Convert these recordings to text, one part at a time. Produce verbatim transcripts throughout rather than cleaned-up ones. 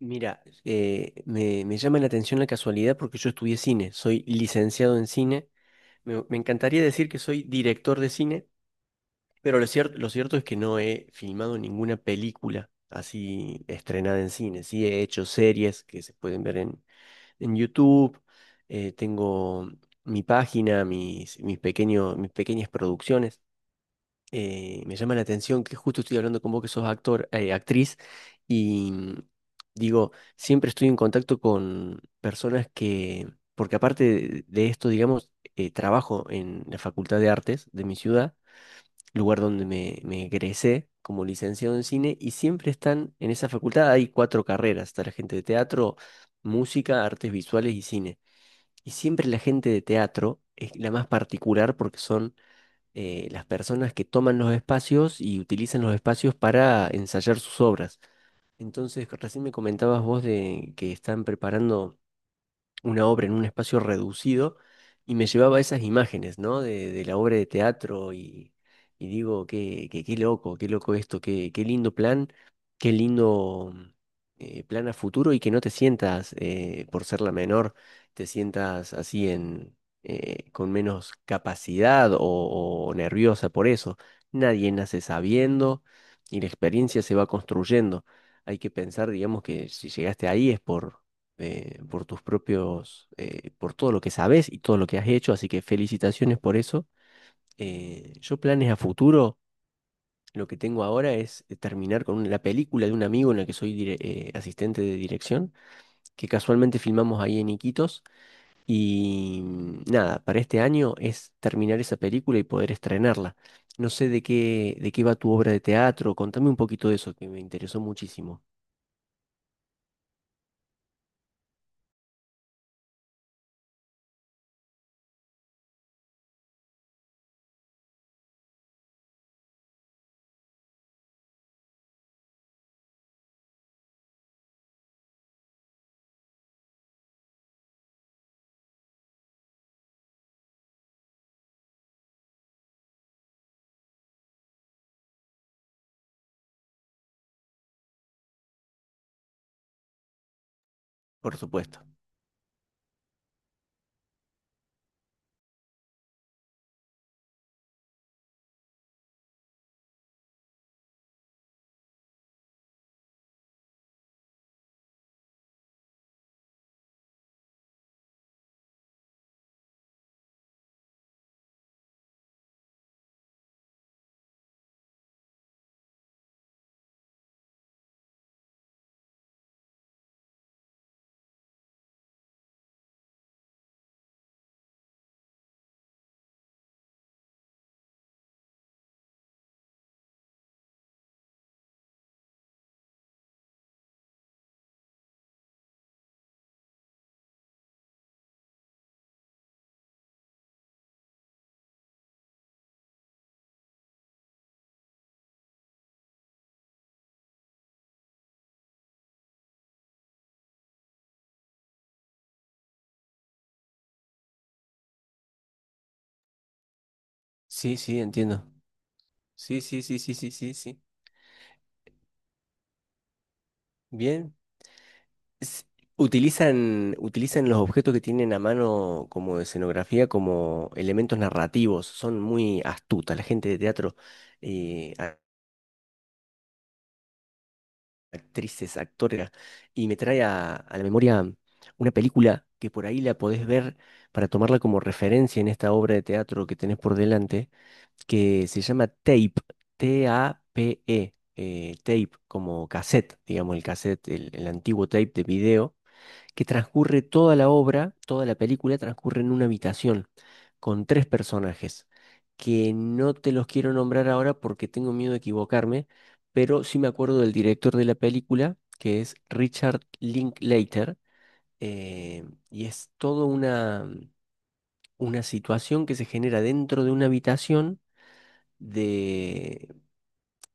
Mira, eh, me, me llama la atención la casualidad porque yo estudié cine, soy licenciado en cine. Me, me encantaría decir que soy director de cine, pero lo cierto, lo cierto es que no he filmado ninguna película así estrenada en cine. Sí he hecho series que se pueden ver en, en YouTube. Eh, tengo mi página, mis, mis pequeños, mis pequeñas producciones. Eh, me llama la atención que justo estoy hablando con vos que sos actor, eh, actriz, y mm, digo, siempre estoy en contacto con personas que, porque aparte de, de esto, digamos, eh, trabajo en la Facultad de Artes de mi ciudad, lugar donde me, me egresé como licenciado en cine, y siempre están en esa facultad, hay cuatro carreras, está la gente de teatro, música, artes visuales y cine. Y siempre la gente de teatro es la más particular porque son eh, las personas que toman los espacios y utilizan los espacios para ensayar sus obras. Entonces, recién me comentabas vos de que están preparando una obra en un espacio reducido y me llevaba esas imágenes, ¿no? De, de la obra de teatro y, y digo, qué, qué, qué loco, qué loco esto, qué, qué lindo plan, qué lindo eh, plan a futuro y que no te sientas, eh, por ser la menor, te sientas así en... eh, con menos capacidad o, o nerviosa por eso. Nadie nace sabiendo y la experiencia se va construyendo. Hay que pensar, digamos, que si llegaste ahí es por, eh, por tus propios, eh, por todo lo que sabes y todo lo que has hecho, así que felicitaciones por eso. Eh, yo planes a futuro, lo que tengo ahora es eh, terminar con un- la película de un amigo en la que soy dire- eh, asistente de dirección, que casualmente filmamos ahí en Iquitos, y mm, nada, para este año es terminar esa película y poder estrenarla. No sé de qué, de qué va tu obra de teatro, contame un poquito de eso, que me interesó muchísimo, por supuesto. Sí, sí, entiendo. Sí, sí, sí, sí, sí, sí, sí. Bien. s- Utilizan, utilizan los objetos que tienen a mano como escenografía, como elementos narrativos. Son muy astutas la gente de teatro, eh, a- actrices, actores. Y me trae a, a la memoria una película que por ahí la podés ver para tomarla como referencia en esta obra de teatro que tenés por delante, que se llama Tape, T A P E, eh, Tape, como cassette, digamos, el cassette, el el antiguo tape de video, que transcurre toda la obra, toda la película transcurre en una habitación con tres personajes, que no te los quiero nombrar ahora porque tengo miedo de equivocarme, pero sí me acuerdo del director de la película, que es Richard Linklater. eh, y es toda una, mm, una situación que se genera dentro de una habitación de,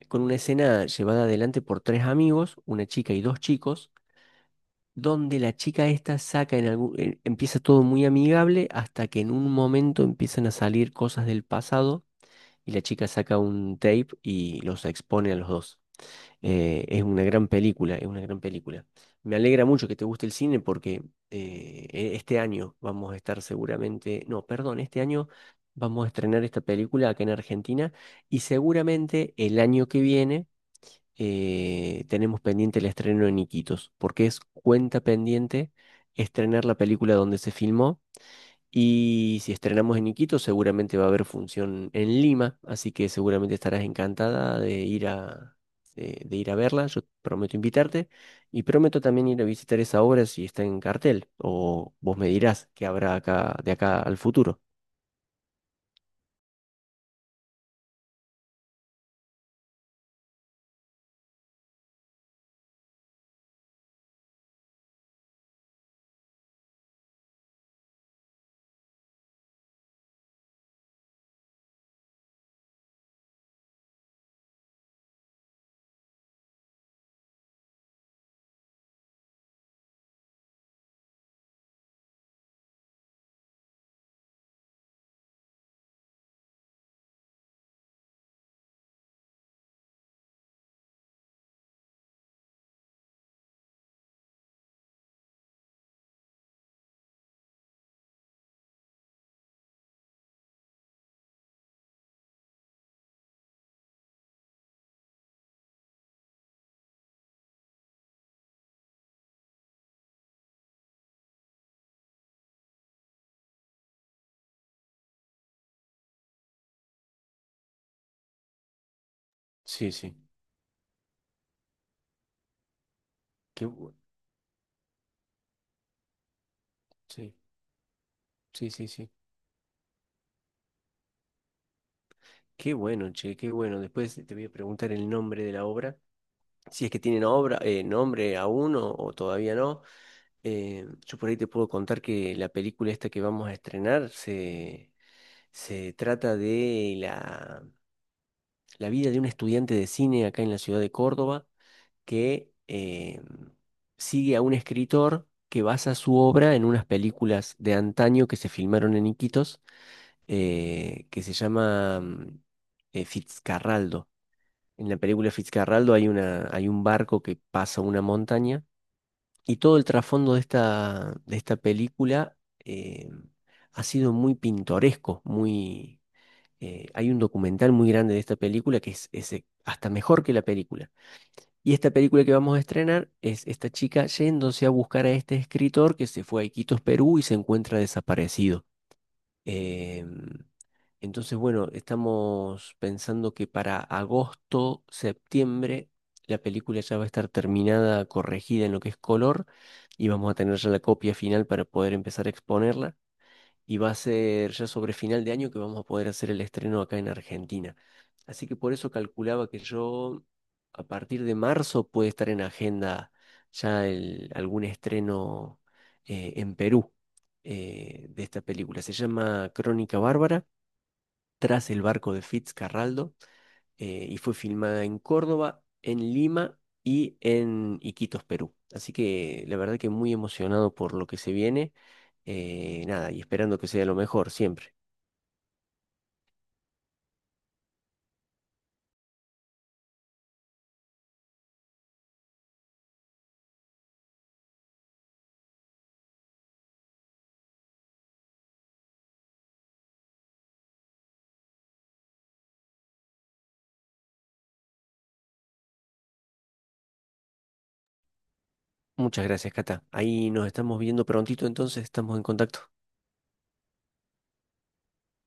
con una escena llevada adelante por tres amigos, una chica y dos chicos, donde la chica esta saca en algún, en- empieza todo muy amigable hasta que en un momento empiezan a salir cosas del pasado y la chica saca un tape y los expone a los dos. Eh, es una gran película, es una gran película. Me alegra mucho que te guste el cine porque eh, e- este año vamos a estar seguramente, no, perdón, este año vamos a estrenar esta película acá en Argentina y seguramente el año que viene eh, tenemos pendiente el estreno en Iquitos, porque es cuenta pendiente estrenar la película donde se filmó. Y si estrenamos en Iquitos, seguramente va a haber función en Lima, así que seguramente estarás encantada de ir a, de, de ir a verla. Yo prometo invitarte y prometo también ir a visitar esa obra si está en cartel, o vos me dirás que habrá acá, de acá al futuro. Sí, sí. Qué bu- sí, sí, sí, sí. Qué bueno, che, qué bueno. Después te voy a preguntar el nombre de la obra si es que tienen obra, eh, nombre aún o, o todavía no. Eh, yo por ahí te puedo contar que la película esta que vamos a estrenar se, se trata de la, la vida de un estudiante de cine acá en la ciudad de Córdoba que eh, sigue a un escritor que basa su obra en unas películas de antaño que se filmaron en Iquitos, eh, que se llama mm, eh, Fitzcarraldo. En la película Fitzcarraldo hay una, hay un barco que pasa una montaña. Y todo el trasfondo de esta, de esta película eh, ha sido muy pintoresco, muy... eh, hay un documental muy grande de esta película que es, es, eh, hasta mejor que la película. Y esta película que vamos a estrenar es esta chica yéndose a buscar a este escritor que se fue a Iquitos, Perú, y se encuentra desaparecido. Em, entonces, bueno, estamos pensando que para agosto, septiembre, la película ya va a estar terminada, corregida en lo que es color, y vamos a tener ya la copia final para poder empezar a exponerla. Y va a ser ya sobre final de año que vamos a poder hacer el estreno acá en Argentina. Así que por eso calculaba que yo a partir de marzo puede estar en agenda ya el- algún estreno eh, en Perú, eh, de esta película. Se llama Crónica Bárbara. Tras el barco de Fitzcarraldo. Eh, y fue filmada en Córdoba, en Lima y en Iquitos, Perú. Así que la verdad que muy emocionado por lo que se viene. Eh, nada, y esperando que sea lo mejor siempre. Muchas gracias, Cata. Ahí nos estamos viendo prontito, entonces estamos en contacto.